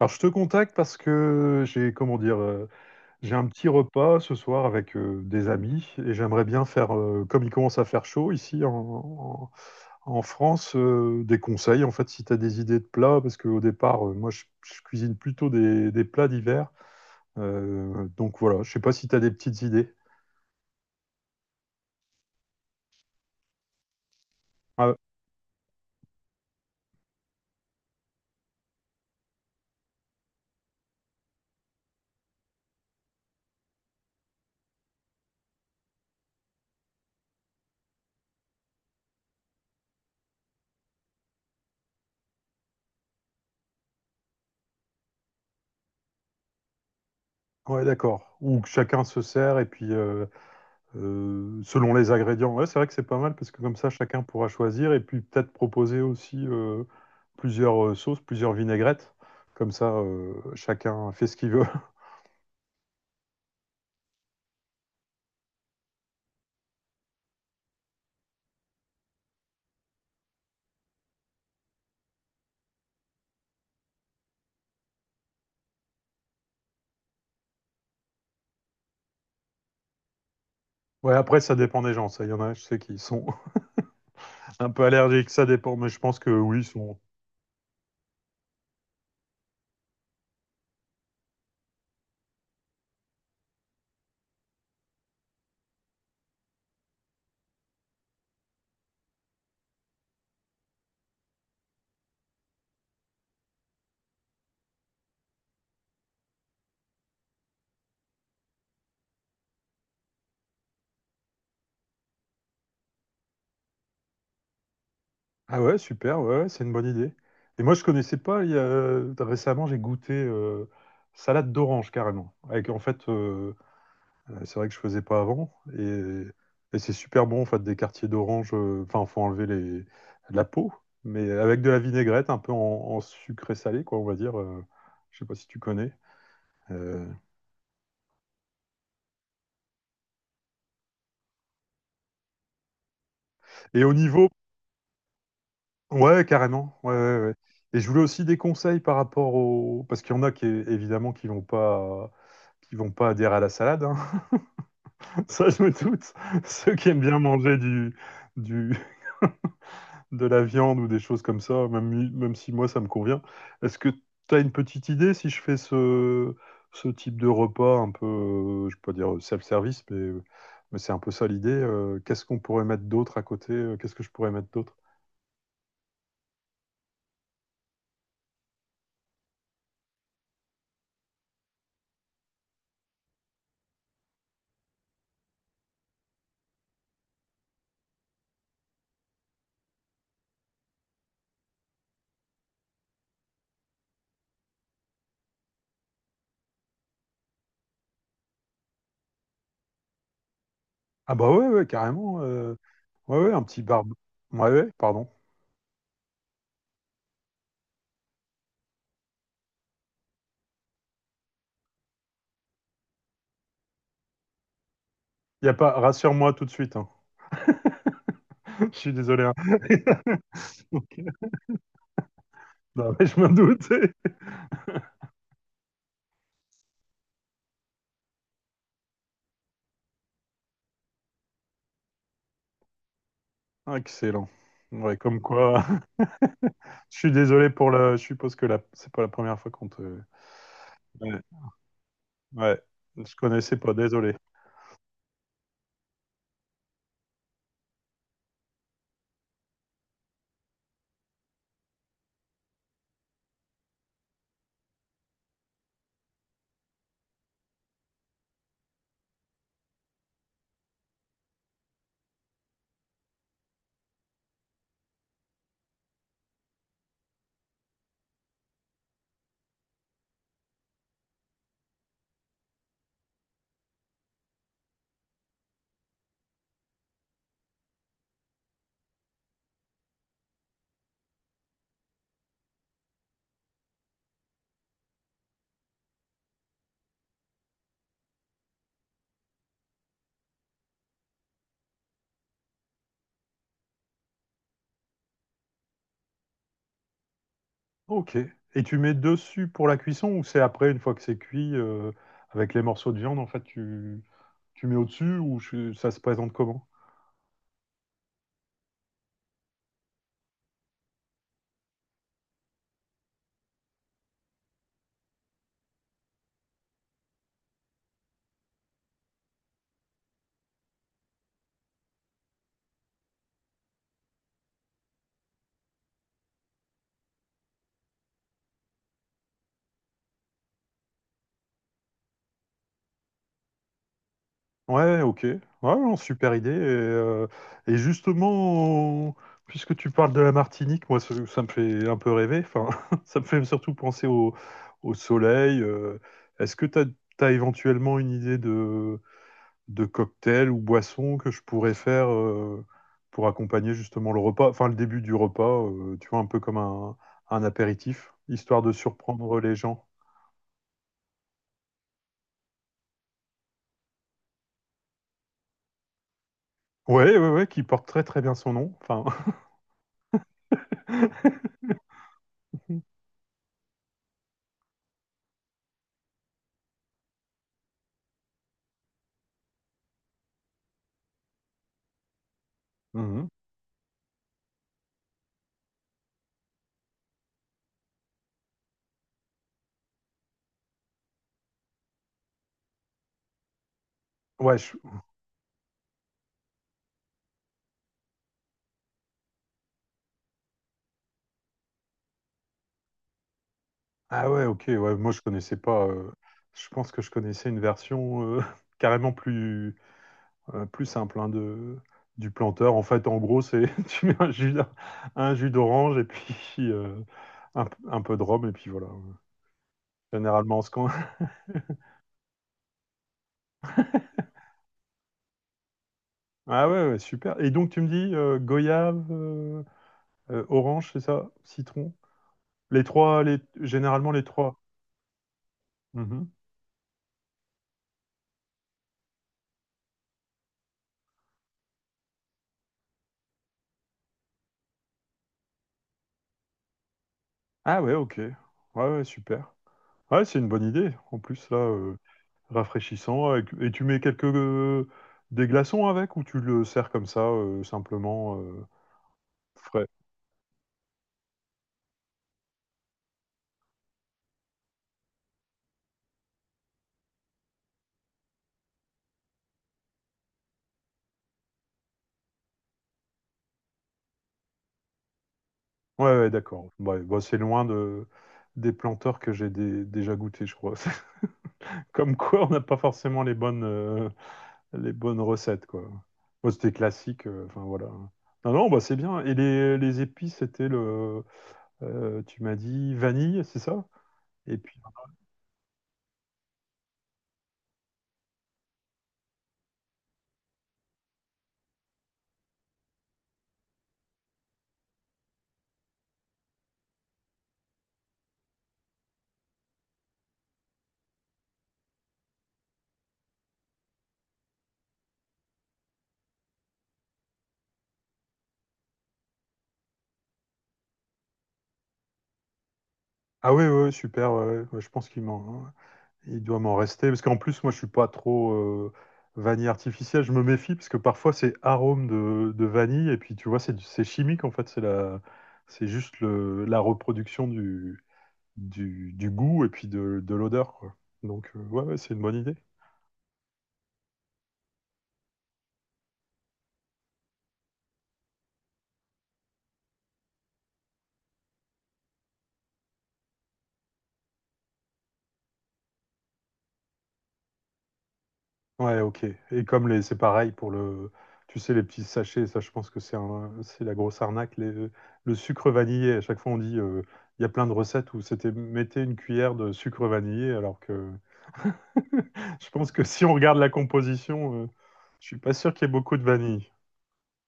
Alors, je te contacte parce que j'ai, comment dire, j'ai un petit repas ce soir avec des amis et j'aimerais bien faire, comme il commence à faire chaud ici en France, des conseils en fait si tu as des idées de plats parce qu'au départ, moi je cuisine plutôt des plats d'hiver. Donc voilà, je sais pas si tu as des petites idées. Ah, ouais, d'accord. Ou que chacun se sert et puis selon les ingrédients. Ouais, c'est vrai que c'est pas mal parce que comme ça, chacun pourra choisir et puis peut-être proposer aussi plusieurs sauces, plusieurs vinaigrettes. Comme ça, chacun fait ce qu'il veut. Ouais, après, ça dépend des gens. Ça, il y en a, je sais, qui sont un peu allergiques. Ça dépend, mais je pense que oui, ils sont. Ah ouais, super. Ouais, ouais, c'est une bonne idée. Et moi, je connaissais pas. Récemment, j'ai goûté salade d'orange carrément. Avec en fait, c'est vrai que je faisais pas avant. Et c'est super bon, en fait, des quartiers d'orange. Enfin, il faut enlever la peau, mais avec de la vinaigrette, un peu en sucré salé, quoi, on va dire. Je sais pas si tu connais. Euh, et au niveau, ouais, carrément. Ouais, ouais, ouais. Et je voulais aussi des conseils par rapport au, parce qu'il y en a qui évidemment qui vont pas adhérer à la salade, hein. Ça, je me doute. Ceux qui aiment bien manger du, de la viande ou des choses comme ça, même, même si moi ça me convient. Est-ce que tu as une petite idée si je fais ce type de repas un peu, je peux pas dire self-service, mais c'est un peu ça l'idée. Qu'est-ce qu'on pourrait mettre d'autre à côté? Qu'est-ce que je pourrais mettre d'autre? Ah bah ouais, ouais, carrément. Ouais, ouais, un petit barbe. Ouais, ouais, pardon. Y a pas, rassure-moi tout de suite, hein. Je suis désolé, hein. Ok. Non, mais je me doutais. Excellent. Ouais, comme quoi. Je suis désolé pour le. Je suppose que la... c'est pas la première fois qu'on te. Ouais. Ouais. Je connaissais pas, désolé. Ok. Et tu mets dessus pour la cuisson ou c'est après, une fois que c'est cuit, avec les morceaux de viande, en fait, tu mets au-dessus ou ça se présente comment? Ouais, ok. Ouais, non, super idée. Et justement, puisque tu parles de la Martinique, moi, ça me fait un peu rêver. Enfin, ça me fait surtout penser au, au soleil. Est-ce que tu as, éventuellement une idée de cocktails ou boissons que je pourrais faire pour accompagner justement le repas, enfin le début du repas, tu vois, un peu comme un apéritif, histoire de surprendre les gens. Ouais, ouais, ouais, qui porte très très bien son nom. Enfin, mhm, ouais, ah ouais, ok, ouais, moi je connaissais pas. Je pense que je connaissais une version carrément plus plus simple hein, de du planteur. En fait, en gros, c'est tu mets un jus d'orange et puis un peu de rhum et puis voilà. Généralement, ce qu'on... Ah ouais, ouais, super. Et donc, tu me dis goyave, orange, c'est ça? Citron? Les trois, les... généralement les trois. Mhm. Ah ouais, ok. Ouais, ouais, super. Ouais, c'est une bonne idée. En plus, là, rafraîchissant. Et tu mets quelques... des glaçons avec ou tu le sers comme ça, simplement frais? Ouais, ouais, d'accord. Ouais, bah, c'est loin de... des planteurs que déjà goûté, je crois. Comme quoi, on n'a pas forcément les bonnes recettes, quoi. Moi, c'était classique, enfin voilà. Non, non, bah, c'est bien. Et les épices, c'était le, tu m'as dit vanille, c'est ça? Et puis, ah ouais, ouais, super, ouais, ouais, je pense qu'il m'en, hein, il doit m'en rester. Parce qu'en plus, moi, je suis pas trop vanille artificielle, je me méfie, parce que parfois, c'est arôme de vanille, et puis tu vois, c'est chimique, en fait, c'est la, c'est juste le, la reproduction du, du goût et puis de l'odeur, quoi. Donc, ouais, ouais, c'est une bonne idée. Ouais, ok. Et comme les, c'est pareil pour le, tu sais, les petits sachets, ça, je pense que c'est un, c'est la grosse arnaque. Le sucre vanillé, à chaque fois, on dit, il y a plein de recettes où c'était mettez une cuillère de sucre vanillé, alors que je pense que si on regarde la composition, je suis pas sûr qu'il y ait beaucoup de vanille.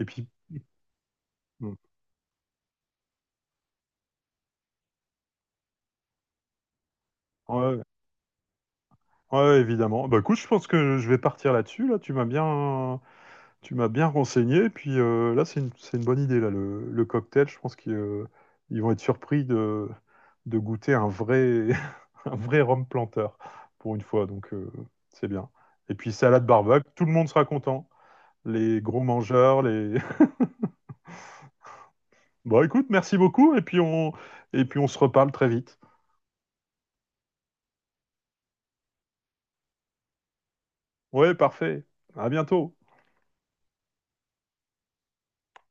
Et puis, mm, ouais, ouais, évidemment. Bah, écoute, je pense que je vais partir là-dessus. Là, tu m'as bien. Tu m'as bien renseigné, puis là, c'est une bonne idée, là, le cocktail. Je pense qu'ils ils vont être surpris de goûter un vrai, un vrai rhum planteur pour une fois, donc c'est bien. Et puis, salade barbecue, tout le monde sera content. Les gros mangeurs, les... Bon, écoute, merci beaucoup, et puis on se reparle très vite. Ouais, parfait. À bientôt.